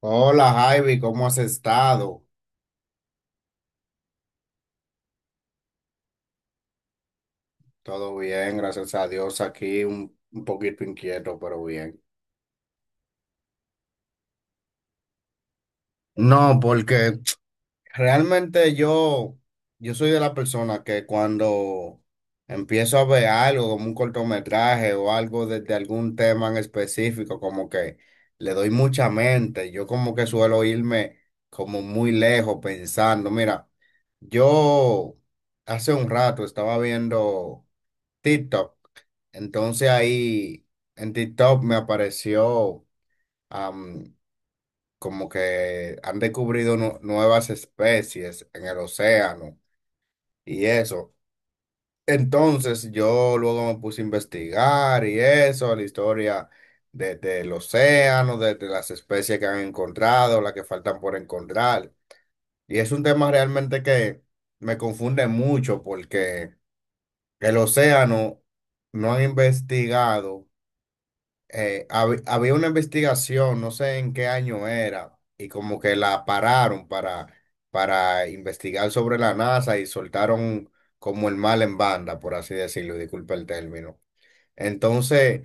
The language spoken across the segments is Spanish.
Hola Javi, ¿cómo has estado? Todo bien, gracias a Dios. Aquí un poquito inquieto, pero bien. No, porque realmente yo soy de la persona que cuando empiezo a ver algo como un cortometraje o algo desde algún tema en específico, como que le doy mucha mente. Yo como que suelo irme como muy lejos pensando. Mira, yo hace un rato estaba viendo TikTok. Entonces ahí en TikTok me apareció como que han descubrido nuevas especies en el océano y eso. Entonces yo luego me puse a investigar y eso, la historia del océano, de las especies que han encontrado, las que faltan por encontrar. Y es un tema realmente que me confunde mucho porque el océano no han investigado, había una investigación, no sé en qué año era, y como que la pararon para investigar sobre la NASA y soltaron como el mal en banda, por así decirlo, y disculpe el término. Entonces,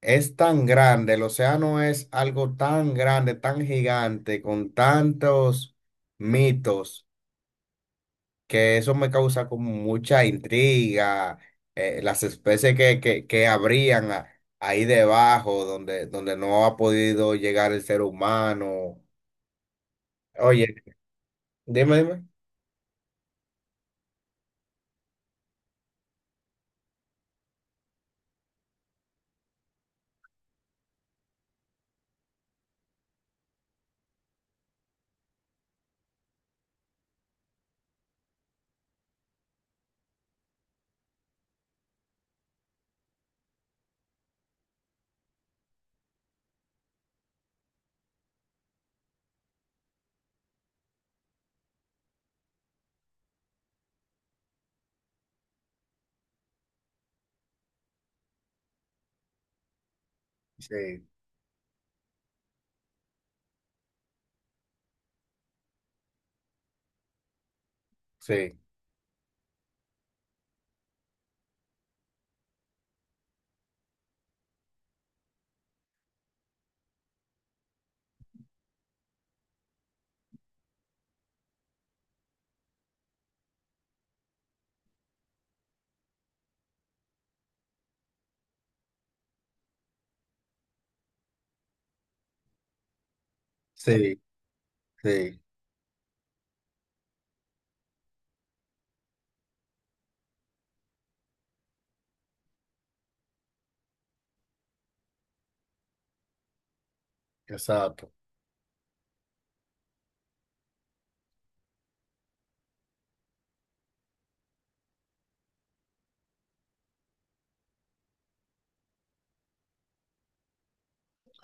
es tan grande, el océano es algo tan grande, tan gigante, con tantos mitos, que eso me causa como mucha intriga, las especies que habrían ahí debajo, donde, donde no ha podido llegar el ser humano. Oye, dime, dime. Sí, sí. Sí, sí, exacto,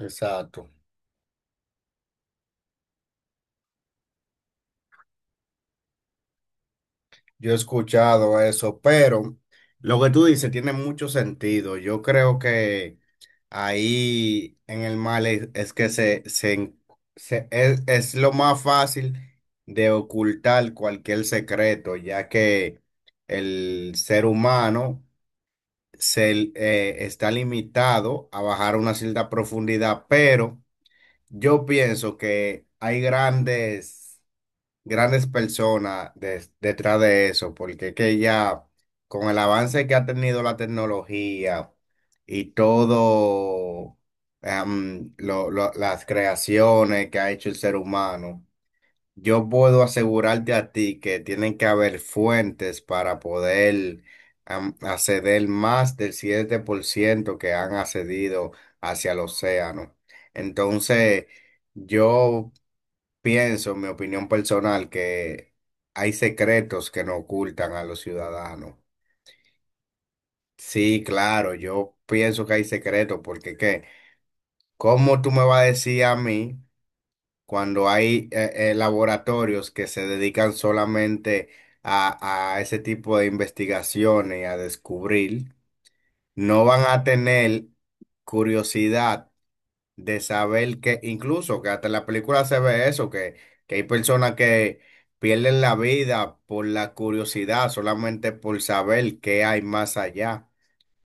exacto. Yo he escuchado eso, pero lo que tú dices tiene mucho sentido. Yo creo que... Ahí en el mal es que se en- se- es lo más fácil de ocultar cualquier secreto, ya que el ser humano está limitado a bajar una cierta profundidad, pero yo pienso que hay grandes personas detrás de eso, porque es que ya con el avance que ha tenido la tecnología y todo, las creaciones que ha hecho el ser humano, yo puedo asegurarte a ti que tienen que haber fuentes para poder acceder más del 7% que han accedido hacia el océano. Entonces, yo pienso, en mi opinión personal, que hay secretos que no ocultan a los ciudadanos. Sí, claro, yo pienso que hay secretos, porque ¿qué? ¿Cómo tú me vas a decir a mí cuando hay laboratorios que se dedican solamente a ese tipo de investigaciones y a descubrir, no van a tener curiosidad de saber que, incluso que hasta en la película se ve eso, que hay personas que pierden la vida por la curiosidad, solamente por saber qué hay más allá?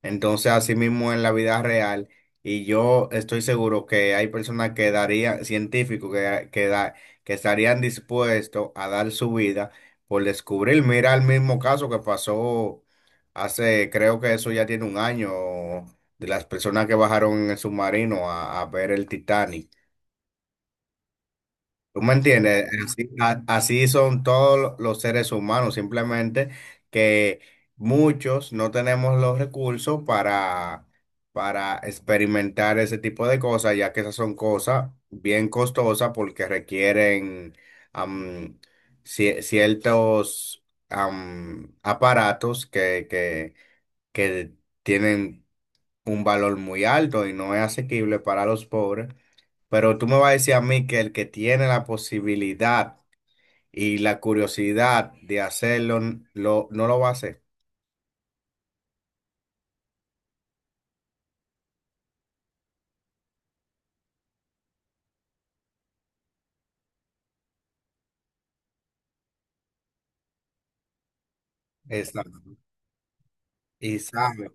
Entonces, así mismo en la vida real, y yo estoy seguro que hay personas que darían, científicos que estarían dispuestos a dar su vida por descubrir. Mira el mismo caso que pasó hace, creo que eso ya tiene un año, de las personas que bajaron en el submarino a ver el Titanic. Tú me entiendes, así, así son todos los seres humanos, simplemente que muchos no tenemos los recursos para experimentar ese tipo de cosas, ya que esas son cosas bien costosas porque requieren am, ciertos aparatos que tienen un valor muy alto y no es asequible para los pobres, pero tú me vas a decir a mí que el que tiene la posibilidad y la curiosidad de hacerlo, no lo va a hacer. Exacto. Y sabe.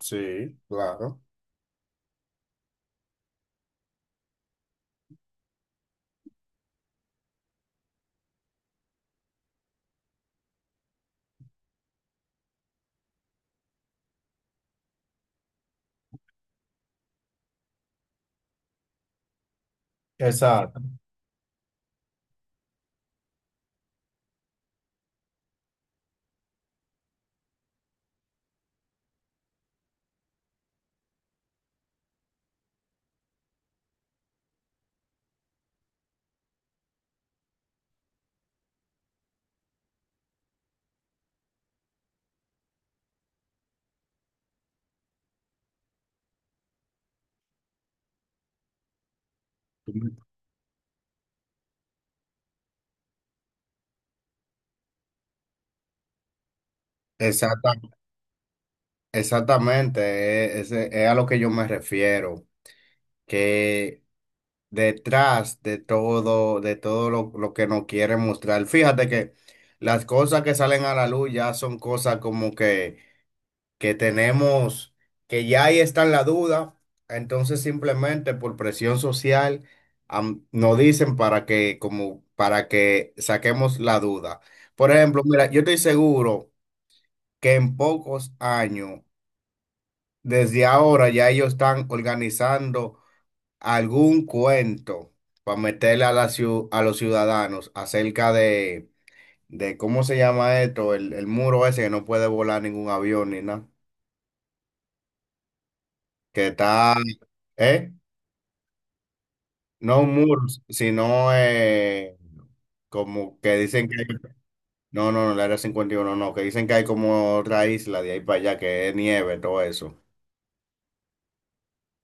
Sí, claro. Exacto. Exacta- exactamente, es a lo que yo me refiero, que detrás de todo lo que nos quieren mostrar, fíjate que las cosas que salen a la luz ya son cosas como que tenemos, que ya ahí está en la duda, entonces simplemente por presión social nos dicen para que, como, para que saquemos la duda. Por ejemplo, mira, yo estoy seguro que en pocos años, desde ahora, ya ellos están organizando algún cuento para meterle a, a los ciudadanos acerca de cómo se llama esto, el muro ese que no puede volar ningún avión ni nada, que está, ¿eh? No un muro, sino como que dicen que hay, no, no, no, la área 51, no, no, que dicen que hay como otra isla de ahí para allá que es nieve, todo eso,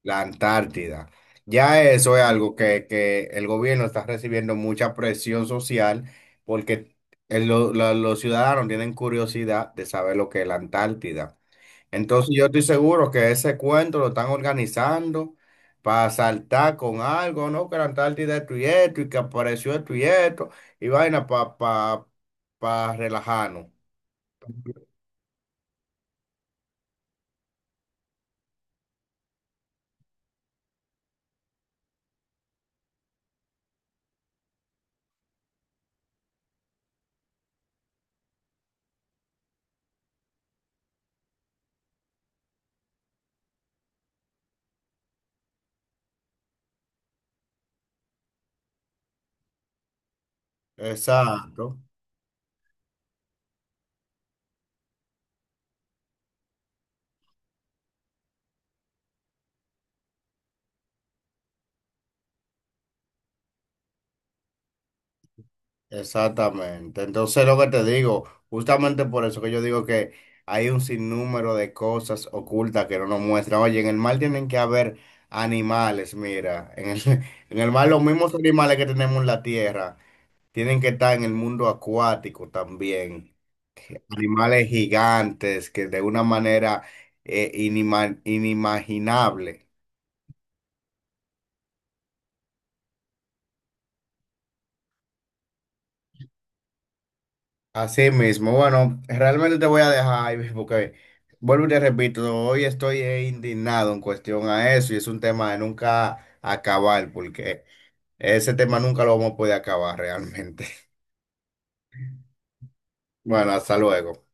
la Antártida. Ya eso es algo que el gobierno está recibiendo mucha presión social porque los ciudadanos tienen curiosidad de saber lo que es la Antártida. Entonces yo estoy seguro que ese cuento lo están organizando para saltar con algo, ¿no? Que la Antártida esto y esto, y que apareció esto y esto, y vaina para pa, pa pa relajarnos. Exacto, exactamente. Entonces lo que te digo, justamente por eso que yo digo que hay un sinnúmero de cosas ocultas que no nos muestran. Oye, en el mar tienen que haber animales, mira, en el, en el mar los mismos animales que tenemos en la tierra. Tienen que estar en el mundo acuático también. Animales gigantes que de una manera inimaginable. Así mismo, bueno, realmente te voy a dejar, Ivy, porque vuelvo y te repito, hoy estoy indignado en cuestión a eso y es un tema de nunca acabar, porque ese tema nunca lo vamos a poder acabar realmente. Bueno, hasta luego.